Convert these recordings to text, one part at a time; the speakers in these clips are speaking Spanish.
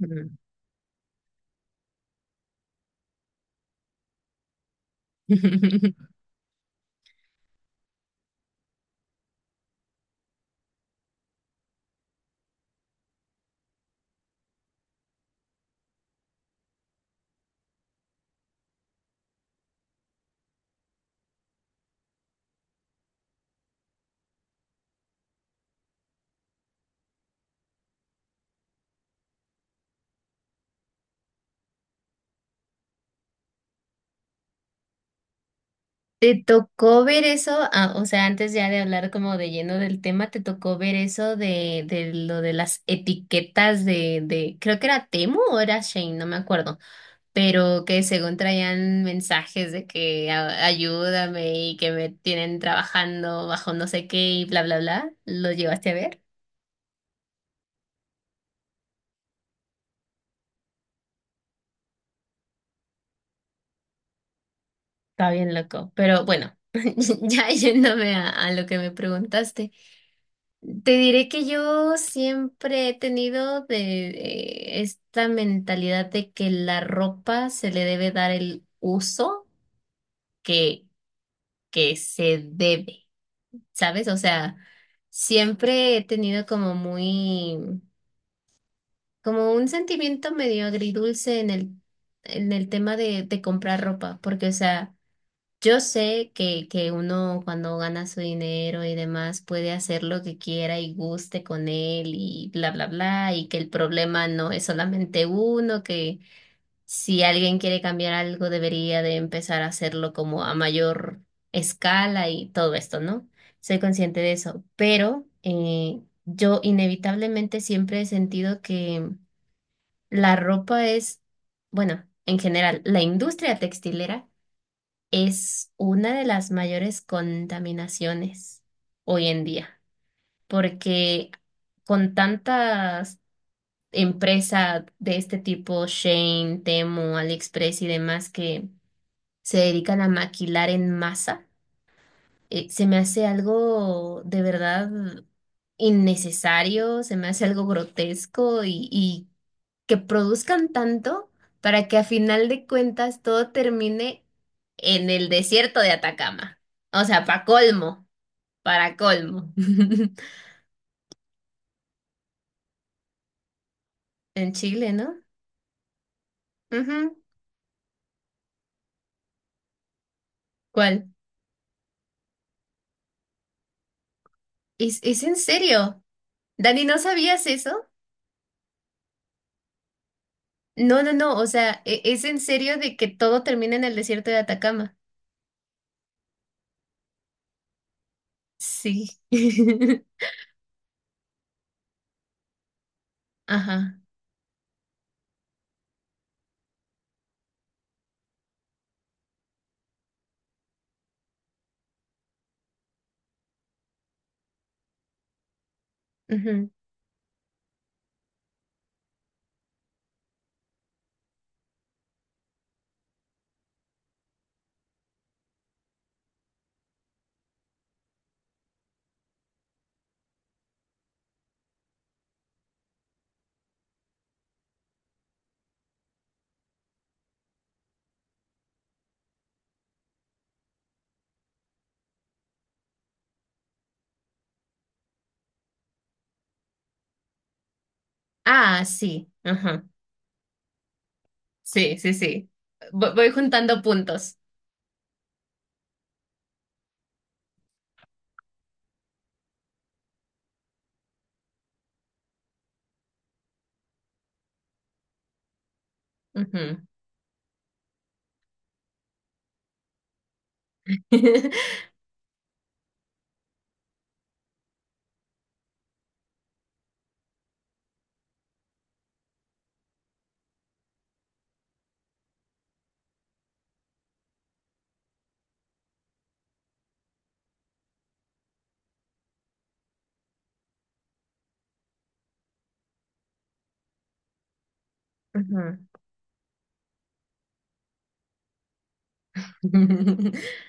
Mm. ¿Te tocó ver eso? Ah, o sea, antes ya de hablar como de lleno del tema, ¿te tocó ver eso de lo de las etiquetas creo que era Temu o era Shane, no me acuerdo, pero que según traían mensajes de que ayúdame y que me tienen trabajando bajo no sé qué y bla, bla, bla? ¿Lo llevaste a ver? Está bien loco, pero bueno, ya yéndome a lo que me preguntaste. Te diré que yo siempre he tenido de esta mentalidad de que la ropa se le debe dar el uso que, que se debe, ¿sabes? O sea, siempre he tenido como muy, como un sentimiento medio agridulce en el tema de comprar ropa, porque, o sea, yo sé que uno cuando gana su dinero y demás puede hacer lo que quiera y guste con él y bla, bla, bla, y que el problema no es solamente uno, que si alguien quiere cambiar algo debería de empezar a hacerlo como a mayor escala y todo esto, ¿no? Soy consciente de eso, pero yo inevitablemente siempre he sentido que la ropa es, bueno, en general, la industria textilera es una de las mayores contaminaciones hoy en día, porque con tantas empresas de este tipo, Shane, Temu, AliExpress y demás que se dedican a maquilar en masa, se me hace algo de verdad innecesario, se me hace algo grotesco y que produzcan tanto para que a final de cuentas todo termine en el desierto de Atacama. O sea, para colmo, para colmo. En Chile, ¿no? Ujú. ¿Cuál? Es en serio? Dani, ¿no sabías eso? No, no, no, o sea, es en serio de que todo termina en el desierto de Atacama. Sí. Ajá. Ujú. Ah, sí. Ajá. Sí, sí, sí. Voy, voy juntando puntos. Ujú. Ujú.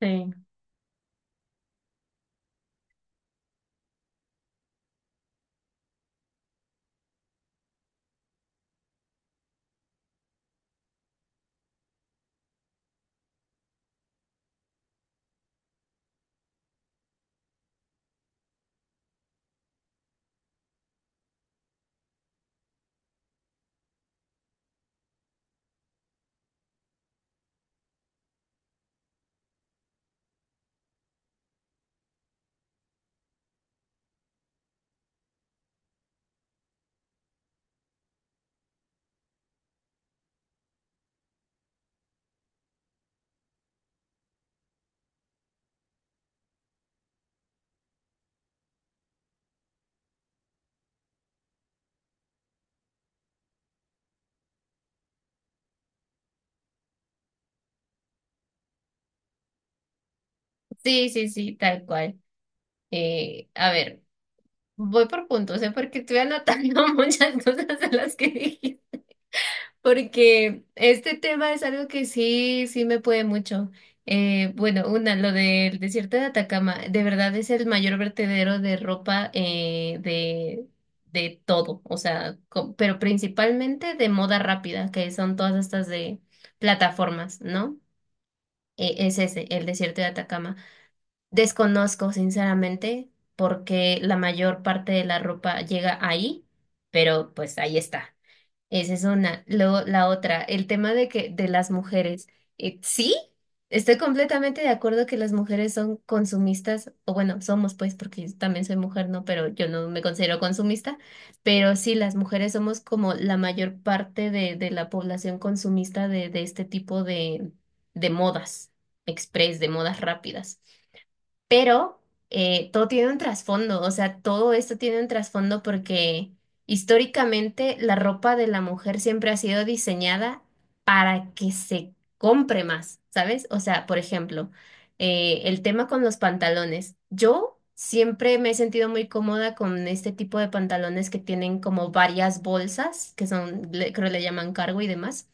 Sí, sí, sí, sí, tal cual. A ver, voy por puntos, ¿eh? Porque estoy anotando muchas cosas de las que dije. Porque este tema es algo que sí, sí me puede mucho. Bueno, una, lo del desierto de Atacama, de verdad es el mayor vertedero de ropa de todo, o sea, pero principalmente de moda rápida, que son todas estas de plataformas, ¿no? Es ese, el desierto de Atacama. Desconozco, sinceramente, porque la mayor parte de la ropa llega ahí, pero pues ahí está. Esa es una. Luego, la otra, el tema de que de las mujeres. Sí, estoy completamente de acuerdo que las mujeres son consumistas, o bueno, somos pues, porque yo también soy mujer, ¿no? Pero yo no me considero consumista, pero sí, las mujeres somos como la mayor parte de la población consumista de este tipo de modas express, de modas rápidas. Pero todo tiene un trasfondo, o sea, todo esto tiene un trasfondo porque históricamente la ropa de la mujer siempre ha sido diseñada para que se compre más, ¿sabes? O sea, por ejemplo, el tema con los pantalones. Yo siempre me he sentido muy cómoda con este tipo de pantalones que tienen como varias bolsas, que son, creo le llaman cargo y demás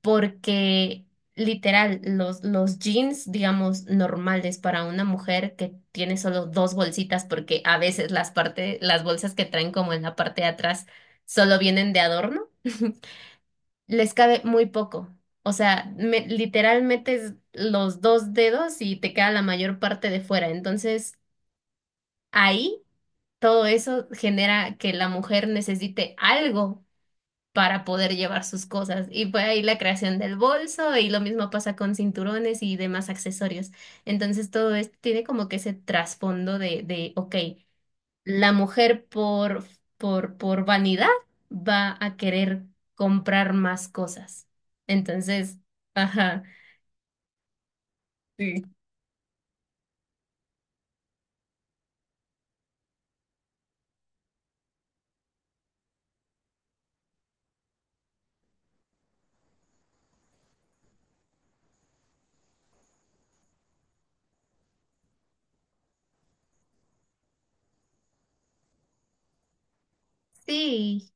porque literal, los jeans, digamos, normales para una mujer que tiene solo dos bolsitas, porque a veces las parte, las bolsas que traen como en la parte de atrás solo vienen de adorno, les cabe muy poco. O sea, literal metes los dos dedos y te queda la mayor parte de fuera. Entonces, ahí todo eso genera que la mujer necesite algo para poder llevar sus cosas. Y fue ahí la creación del bolso y lo mismo pasa con cinturones y demás accesorios. Entonces todo esto tiene como que ese trasfondo de, ok, la mujer por vanidad va a querer comprar más cosas. Entonces, ajá, sí. Sí,